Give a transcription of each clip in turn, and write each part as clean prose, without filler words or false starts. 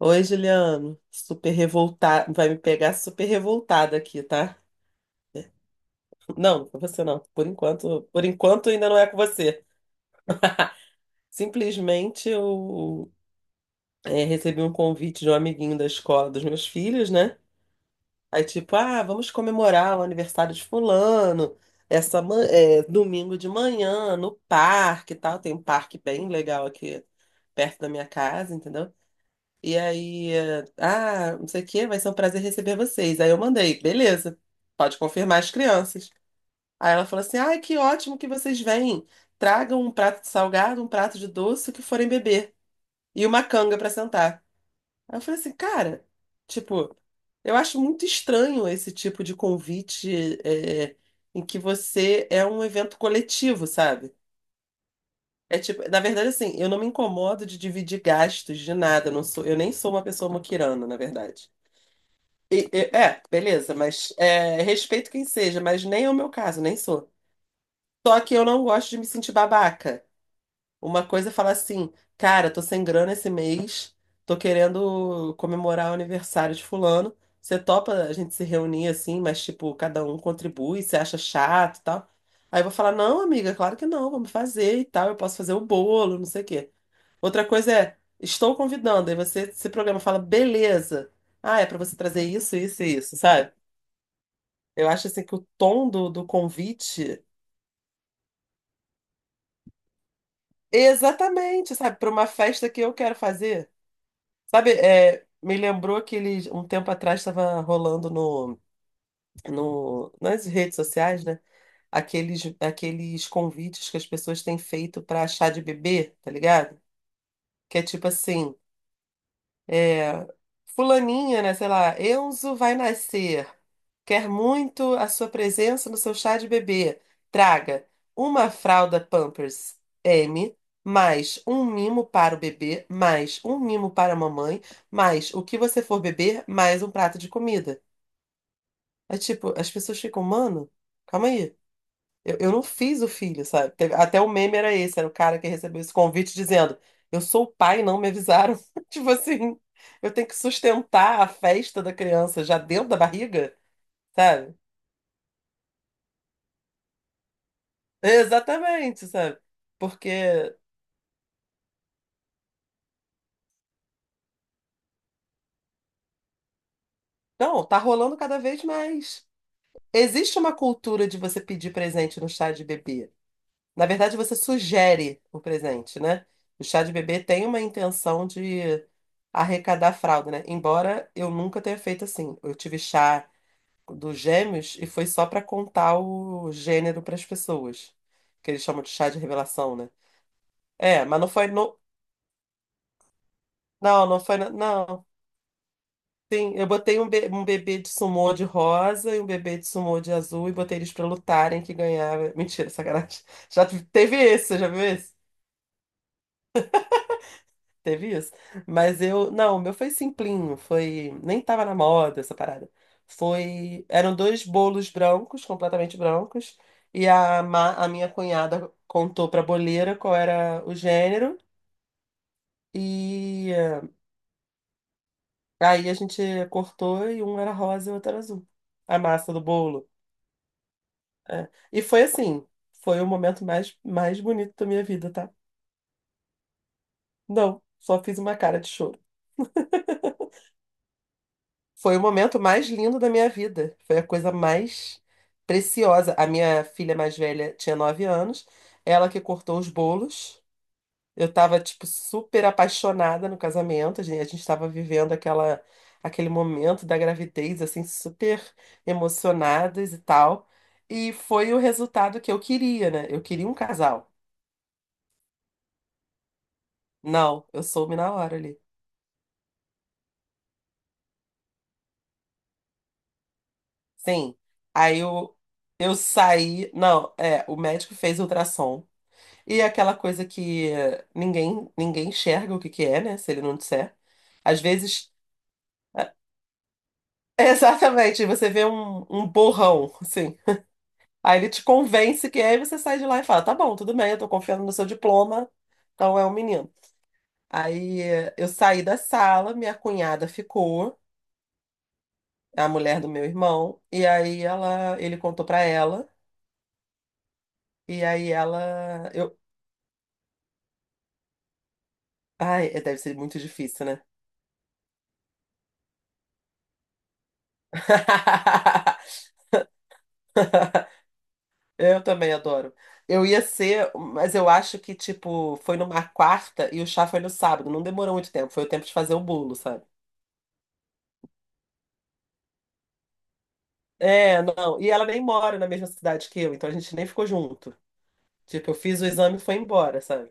Oi, Juliano. Super revoltada. Vai me pegar super revoltada aqui, tá? Não, não é com você não. Por enquanto ainda não é com você. Simplesmente eu recebi um convite de um amiguinho da escola dos meus filhos, né? Aí tipo, ah, vamos comemorar o aniversário de fulano, domingo de manhã no parque, e tal. Tem um parque bem legal aqui perto da minha casa, entendeu? E aí, não sei o quê, vai ser um prazer receber vocês. Aí eu mandei, beleza, pode confirmar as crianças. Aí ela falou assim: ai, que ótimo que vocês vêm. Tragam um prato de salgado, um prato de doce, o que forem beber. E uma canga pra sentar. Aí eu falei assim, cara, tipo, eu acho muito estranho esse tipo de convite, em que você é um evento coletivo, sabe? É tipo, na verdade, assim, eu não me incomodo de dividir gastos de nada. Eu Não sou, eu nem sou uma pessoa moquirana, na verdade. Beleza, mas é, respeito quem seja, mas nem é o meu caso, nem sou. Só que eu não gosto de me sentir babaca. Uma coisa é falar assim, cara, tô sem grana esse mês, tô querendo comemorar o aniversário de fulano. Você topa a gente se reunir assim, mas tipo, cada um contribui, você acha chato e tal. Aí eu vou falar, não, amiga, claro que não, vamos fazer e tal, eu posso fazer o bolo, não sei o quê. Outra coisa é, estou convidando, aí você se programa, fala, beleza. Ah, é pra você trazer isso, isso e isso, sabe? Eu acho assim que o tom do convite é exatamente, sabe, para uma festa que eu quero fazer. Sabe, é, me lembrou que ele, um tempo atrás estava rolando no, no, nas redes sociais, né? Aqueles convites que as pessoas têm feito para chá de bebê, tá ligado? Que é tipo assim. É, Fulaninha, né? Sei lá, Enzo vai nascer. Quer muito a sua presença no seu chá de bebê. Traga uma fralda Pampers M, mais um mimo para o bebê, mais um mimo para a mamãe, mais o que você for beber, mais um prato de comida. É tipo, as pessoas ficam, mano, calma aí. Eu não fiz o filho, sabe? Até o meme era esse, era o cara que recebeu esse convite dizendo: eu sou o pai, não me avisaram. Tipo assim, eu tenho que sustentar a festa da criança já dentro da barriga, sabe? Exatamente, sabe? Porque, não, tá rolando cada vez mais. Existe uma cultura de você pedir presente no chá de bebê. Na verdade, você sugere o presente, né? O chá de bebê tem uma intenção de arrecadar fralda, né? Embora eu nunca tenha feito assim. Eu tive chá dos gêmeos e foi só para contar o gênero para as pessoas, que eles chamam de chá de revelação, né? É, mas não foi no... Não, não foi... no- Não. Sim, eu botei um bebê de sumô de rosa e um bebê de sumô de azul e botei eles para lutarem que ganhava. Mentira, sacanagem. Já teve esse, você já viu esse? Teve isso. Mas eu. Não, o meu foi simplinho. Foi. Nem tava na moda essa parada. Foi. Eram dois bolos brancos, completamente brancos. A minha cunhada contou pra boleira qual era o gênero. E eh, Aí a gente cortou e um era rosa e o outro era azul. A massa do bolo. É. E foi assim. Foi o momento mais bonito da minha vida, tá? Não, só fiz uma cara de choro. Foi o momento mais lindo da minha vida. Foi a coisa mais preciosa. A minha filha mais velha tinha 9 anos, ela que cortou os bolos. Eu tava, tipo, super apaixonada no casamento. A gente tava vivendo aquele momento da gravidez, assim, super emocionadas e tal. E foi o resultado que eu queria, né? Eu queria um casal. Não, eu soube na hora ali. Sim. Aí eu saí. Não, é, o médico fez ultrassom. E é aquela coisa que ninguém enxerga o que que é, né? Se ele não disser. Às vezes, é, exatamente, você vê um borrão, assim. Aí ele te convence que é, e você sai de lá e fala: tá bom, tudo bem, eu tô confiando no seu diploma, então é um menino. Aí eu saí da sala, minha cunhada ficou, a mulher do meu irmão, ele contou pra ela, e aí ela, eu, ai, deve ser muito difícil, né? Eu também adoro. Eu ia ser, mas eu acho que, tipo, foi numa quarta e o chá foi no sábado. Não demorou muito tempo, foi o tempo de fazer o bolo, sabe? É, não. E ela nem mora na mesma cidade que eu, então a gente nem ficou junto. Tipo, eu fiz o exame e foi embora, sabe?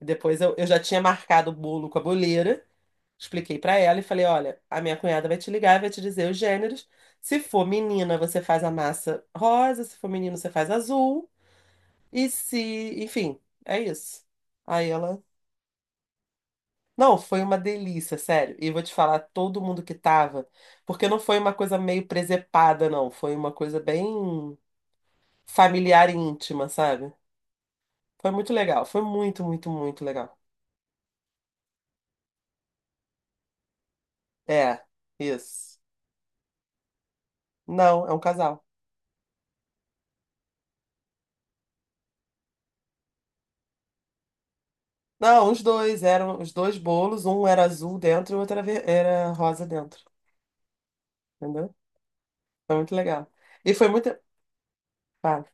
Depois eu já tinha marcado o bolo com a boleira, expliquei pra ela e falei: olha, a minha cunhada vai te ligar, e vai te dizer os gêneros. Se for menina, você faz a massa rosa, se for menino, você faz azul. E se, enfim, é isso. Aí ela Não, foi uma delícia, sério. E vou te falar, todo mundo que tava, porque não foi uma coisa meio presepada, não. Foi uma coisa bem familiar e íntima, sabe? Foi muito legal. Foi muito, muito, muito legal. É, isso. Não, é um casal. Não, os dois eram os dois bolos, um era azul dentro e o outro era, era rosa dentro. Entendeu? Foi muito legal. E foi muito. Ah,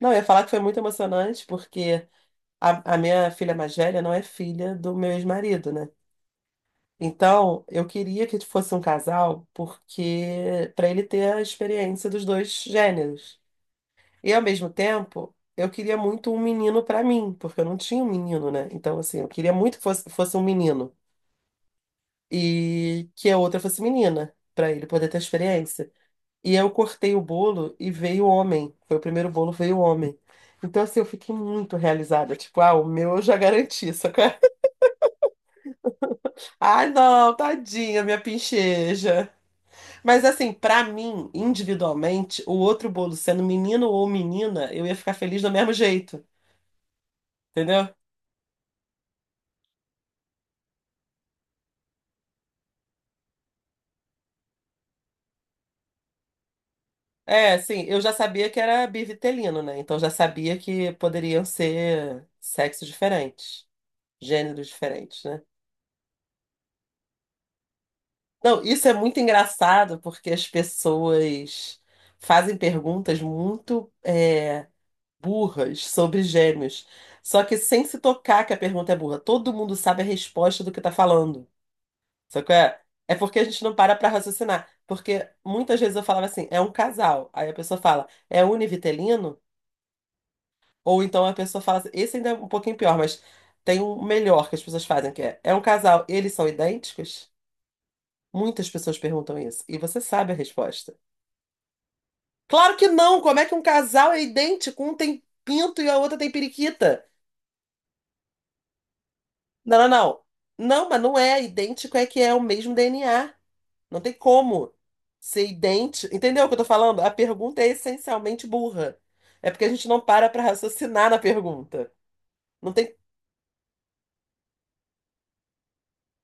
não, eu ia falar que foi muito emocionante, porque a minha filha mais velha não é filha do meu ex-marido, né? Então, eu queria que fosse um casal porque para ele ter a experiência dos dois gêneros. E ao mesmo tempo, eu queria muito um menino para mim, porque eu não tinha um menino, né? Então, assim, eu queria muito que fosse um menino e que a outra fosse menina, para ele poder ter a experiência. E eu cortei o bolo e veio homem. Foi o primeiro bolo, veio homem. Então, assim, eu fiquei muito realizada. Tipo, ah, o meu eu já garanti, só que... Ai, não, tadinha, minha pincheja. Mas assim, pra mim, individualmente, o outro bolo sendo menino ou menina, eu ia ficar feliz do mesmo jeito, entendeu? É, assim, eu já sabia que era bivitelino, né? Então já sabia que poderiam ser sexos diferentes, gêneros diferentes, né? Não, isso é muito engraçado porque as pessoas fazem perguntas muito burras sobre gêmeos, só que sem se tocar que a pergunta é burra. Todo mundo sabe a resposta do que tá falando. Só que é, É porque a gente não para pra raciocinar. Porque muitas vezes eu falava assim, é um casal. Aí a pessoa fala, é univitelino? Ou então a pessoa fala assim, esse ainda é um pouquinho pior, mas tem um melhor que as pessoas fazem, que é, é um casal, eles são idênticos? Muitas pessoas perguntam isso. E você sabe a resposta. Claro que não! Como é que um casal é idêntico? Um tem pinto e a outra tem periquita. Não, não, não. Não, mas não é idêntico, é que é o mesmo DNA. Não tem como ser idêntico. Entendeu o que eu tô falando? A pergunta é essencialmente burra. É porque a gente não para pra raciocinar na pergunta. Não tem.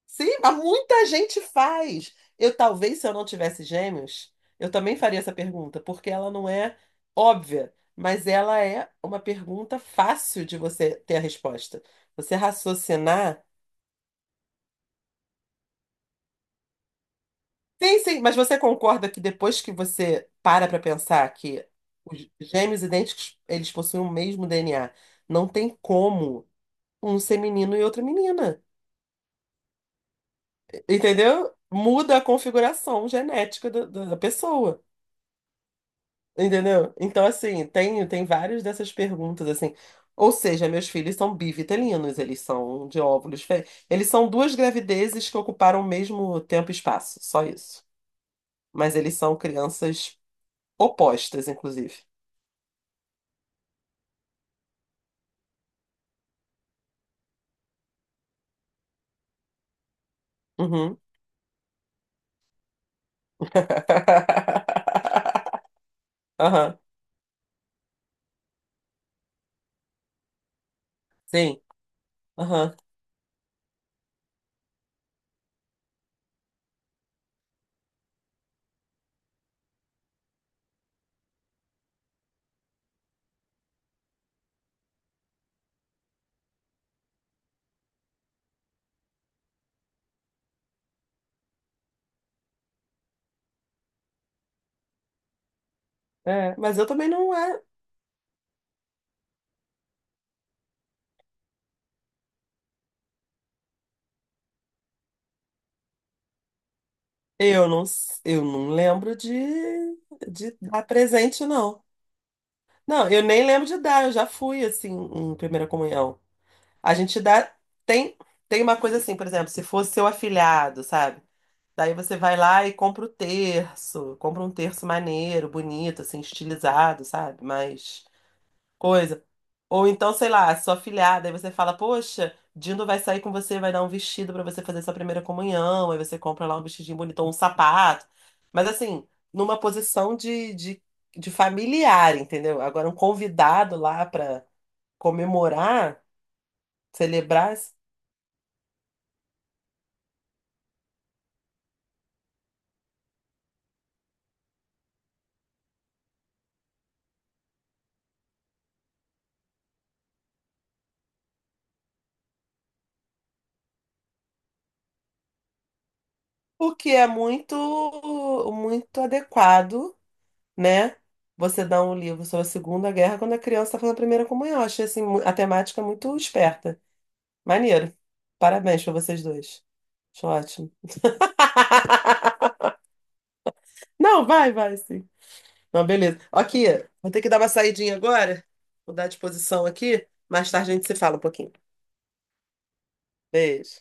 Sim, mas muita gente faz. Eu talvez, se eu não tivesse gêmeos, eu também faria essa pergunta, porque ela não é óbvia, mas ela é uma pergunta fácil de você ter a resposta. Você raciocinar. Sim, sim, mas você concorda que depois que você para para pensar que os gêmeos idênticos, eles possuem o mesmo DNA, não tem como um ser menino e outra menina, entendeu? Muda a configuração genética da pessoa, entendeu? Então, assim, tem várias dessas perguntas, assim. Ou seja, meus filhos são bivitelinos, eles são de óvulos diferentes. Eles são duas gravidezes que ocuparam o mesmo tempo e espaço, só isso. Mas eles são crianças opostas, inclusive. Uhum. Aham, sim. Aham. É, mas eu também não é. Eu não lembro de dar presente, não. Não, eu nem lembro de dar, eu já fui assim em primeira comunhão. A gente dá. Tem, Tem uma coisa assim, por exemplo, se fosse seu afilhado, sabe? Daí você vai lá e compra o terço, compra um terço maneiro, bonito, assim, estilizado, sabe? Mas. Coisa. Ou então, sei lá, sua afilhada, aí você fala, poxa, Dindo vai sair com você, vai dar um vestido pra você fazer sua primeira comunhão, aí você compra lá um vestidinho bonito, ou um sapato. Mas assim, numa posição de familiar, entendeu? Agora, um convidado lá pra comemorar, celebrar, o que é muito, muito adequado, né? Você dá um livro sobre a Segunda Guerra quando a criança está fazendo a primeira comunhão. Eu Achei assim, a temática muito esperta. Maneiro. Parabéns pra vocês dois. Acho ótimo. Não, vai, vai, sim. Não, beleza. Aqui, vou ter que dar uma saidinha agora. Vou dar disposição aqui. Mais tarde a gente se fala um pouquinho. Beijo.